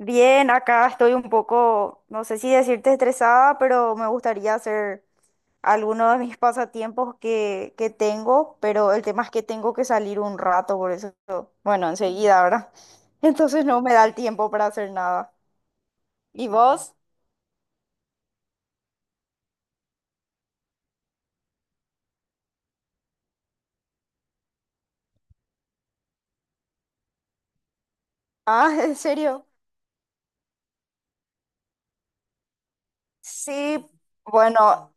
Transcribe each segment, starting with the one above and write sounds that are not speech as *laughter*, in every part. Bien, acá estoy un poco, no sé si decirte estresada, pero me gustaría hacer algunos de mis pasatiempos que tengo, pero el tema es que tengo que salir un rato, por eso, bueno, enseguida, ¿verdad? *laughs* Entonces no me da el tiempo para hacer nada. ¿Y vos? Ah, *laughs* ¿en serio? Sí, bueno,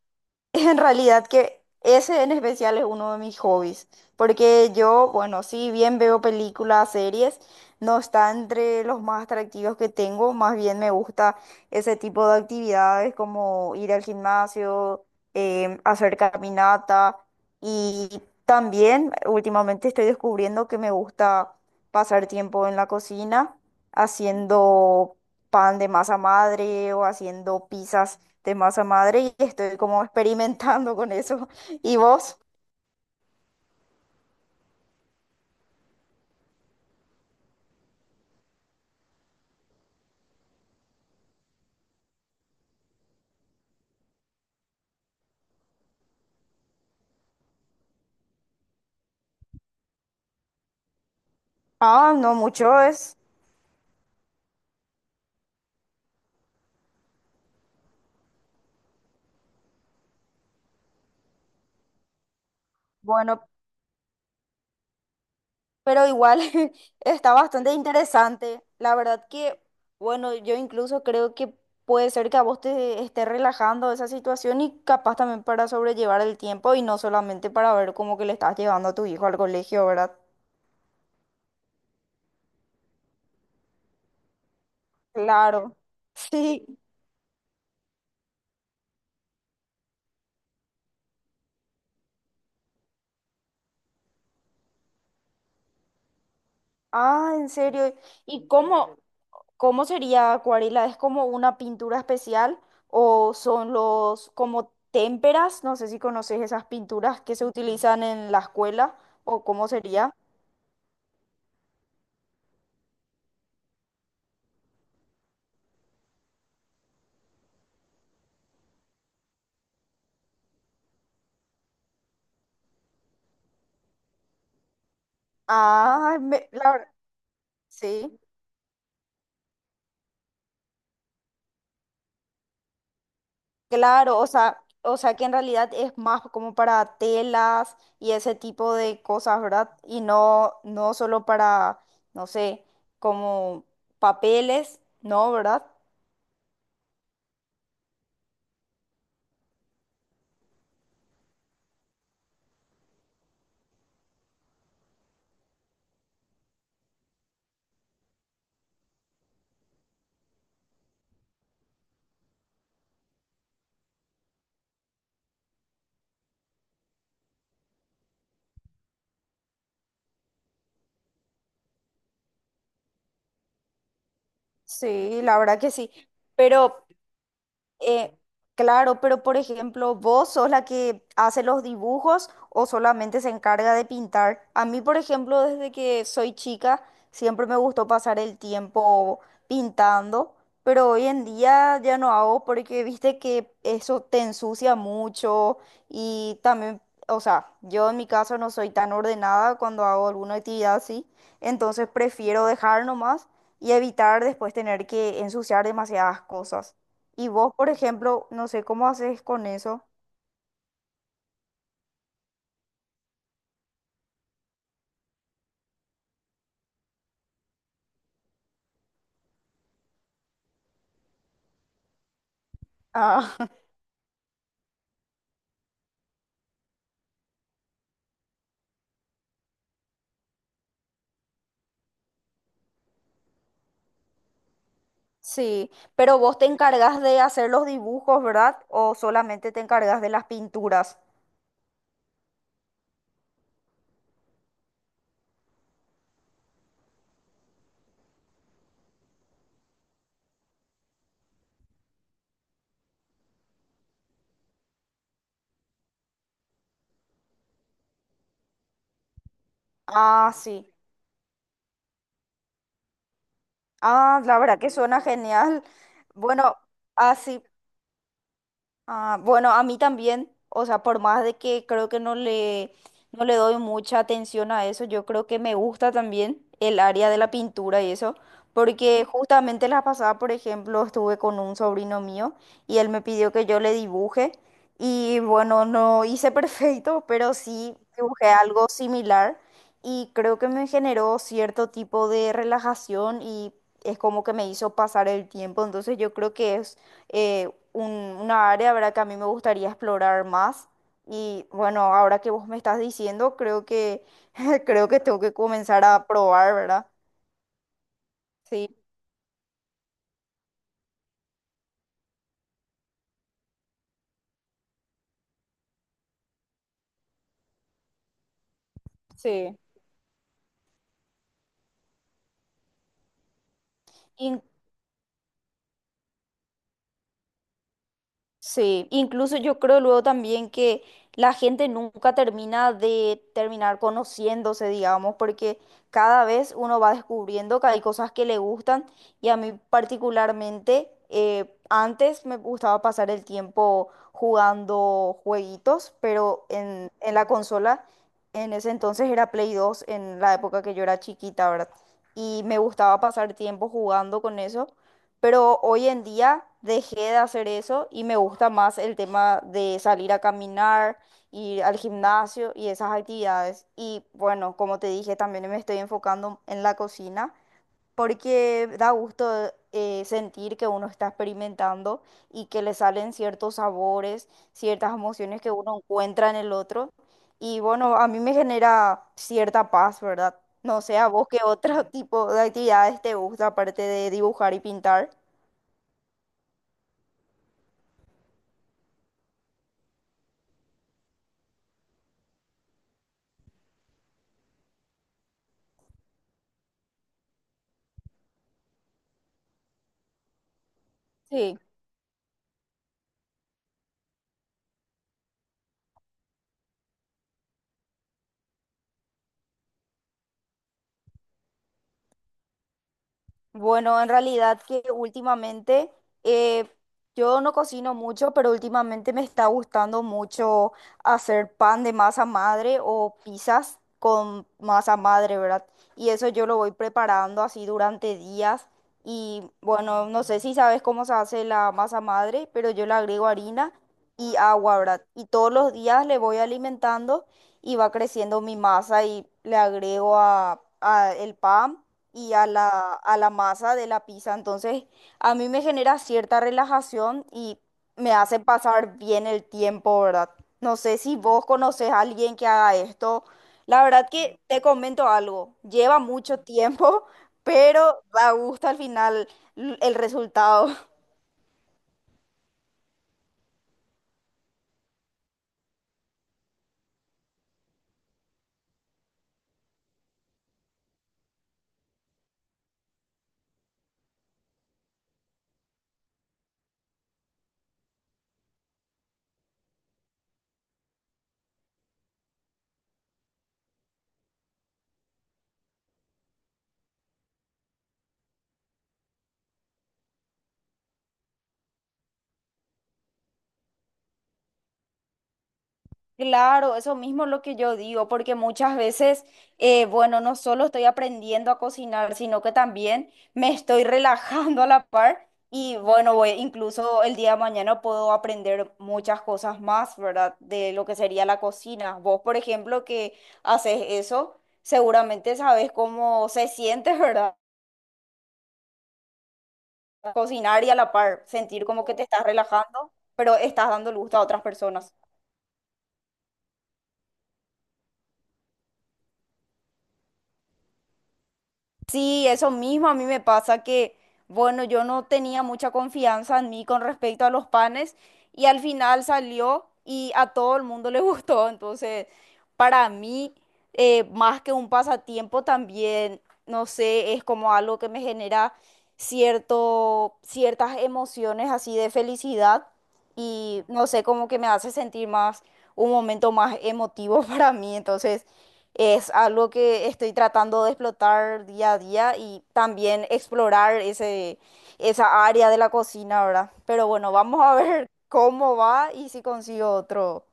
en realidad que ese en especial es uno de mis hobbies, porque yo, bueno, si bien veo películas, series, no está entre los más atractivos que tengo, más bien me gusta ese tipo de actividades como ir al gimnasio, hacer caminata y también últimamente estoy descubriendo que me gusta pasar tiempo en la cocina haciendo pan de masa madre o haciendo pizzas de masa madre y estoy como experimentando con eso. ¿Y vos? Ah, no mucho es bueno, pero igual *laughs* está bastante interesante. La verdad que, bueno, yo incluso creo que puede ser que a vos te esté relajando esa situación y capaz también para sobrellevar el tiempo y no solamente para ver cómo que le estás llevando a tu hijo al colegio, ¿verdad? Claro. Sí. Ah, en serio. ¿Y cómo? ¿Cómo sería acuarela? ¿Es como una pintura especial o son los como témperas? No sé si conoces esas pinturas que se utilizan en la escuela o cómo sería. Ah, me- la ver- sí, claro, o sea que en realidad es más como para telas y ese tipo de cosas, ¿verdad? Y no, no solo para, no sé, como papeles, ¿no? ¿Verdad? Sí, la verdad que sí. Pero Eh, claro, pero por ejemplo, ¿vos sos la que hace los dibujos o solamente se encarga de pintar? A mí, por ejemplo, desde que soy chica, siempre me gustó pasar el tiempo pintando, pero hoy en día ya no hago porque viste que eso te ensucia mucho y también, o sea, yo en mi caso no soy tan ordenada cuando hago alguna actividad así, entonces prefiero dejar nomás y evitar después tener que ensuciar demasiadas cosas. Y vos, por ejemplo, no sé cómo haces con eso. Ah, *laughs* sí, pero vos te encargas de hacer los dibujos, ¿verdad? ¿O solamente te encargas de las pinturas? Ah, sí. Ah, la verdad que suena genial. Bueno, así. Ah, bueno, a mí también, o sea, por más de que creo que no le doy mucha atención a eso, yo creo que me gusta también el área de la pintura y eso, porque justamente la pasada, por ejemplo, estuve con un sobrino mío y él me pidió que yo le dibuje y bueno, no hice *laughs* perfecto, pero sí dibujé algo similar y creo que me generó cierto tipo de relajación y es como que me hizo pasar el tiempo, entonces yo creo que es eh, un- una área, ¿verdad?, que a mí me gustaría explorar más. Y bueno, ahora que vos me estás diciendo, creo que *laughs* creo que tengo que comenzar a probar, ¿verdad? Sí. Sí. Sí, incluso yo creo luego también que la gente nunca termina de terminar conociéndose, digamos, porque cada vez uno va descubriendo que hay cosas que le gustan y a mí particularmente antes me gustaba pasar el tiempo jugando jueguitos, pero en la consola en ese entonces era Play 2 en la época que yo era chiquita, ¿verdad? Y me gustaba pasar tiempo jugando con eso. Pero hoy en día dejé de hacer eso y me gusta más el tema de salir a caminar, ir al gimnasio y esas actividades. Y bueno, como te dije, también me estoy enfocando en la cocina porque da gusto sentir que uno está experimentando y que le salen ciertos sabores, ciertas emociones que uno encuentra en el otro. Y bueno, a mí me genera cierta paz, ¿verdad? No sé, a vos qué otro *laughs* tipo de actividades te gusta aparte de dibujar y pintar. Sí, bueno, en realidad que últimamente eh, yo no cocino mucho, pero últimamente me está gustando mucho hacer pan de masa madre o pizzas con masa madre, ¿verdad? Y eso yo lo voy preparando así durante días. Y bueno, no sé si sabes cómo se hace la masa madre, pero yo le agrego harina y agua, ¿verdad? Y todos los días le voy alimentando y va creciendo mi masa y le agrego a el pan y a la masa de la pizza. Entonces, a mí me genera cierta relajación y me hace pasar bien el tiempo, ¿verdad? No sé si vos conoces a alguien que haga esto. La verdad que te comento algo, lleva mucho tiempo, *laughs* pero da gusto al final el resultado. Claro, eso mismo es lo que yo digo, porque muchas veces, bueno, no solo estoy aprendiendo a cocinar, sino que también me estoy relajando a la par y bueno, incluso el día de mañana puedo aprender muchas cosas más, ¿verdad? De lo que sería la cocina. Vos, por ejemplo, que haces eso, seguramente sabes cómo se siente, *laughs* ¿verdad? Cocinar y a la par, sentir como que te estás relajando, pero estás dando el gusto a otras personas. Sí, eso mismo a mí me pasa que, bueno, yo no tenía mucha confianza en mí con respecto a los panes y al final salió y a todo el mundo le *laughs* gustó. Entonces, para mí, más que un pasatiempo también, no sé, es como algo que me genera cierto, ciertas emociones así de felicidad y no sé, como que me hace sentir más, un momento más emotivo *laughs* para mí. Entonces... Es algo que estoy tratando de explotar día a día y también explorar ese, esa área de la cocina, ¿verdad? Pero bueno, vamos a *laughs* ver cómo va y si consigo otro,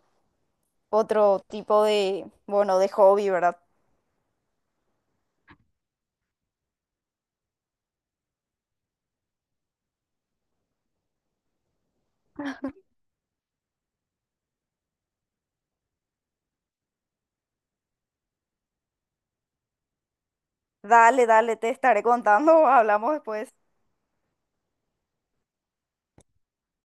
otro tipo de, bueno, de hobby, ¿verdad? Dale, dale, te estaré contando, *laughs* hablamos después.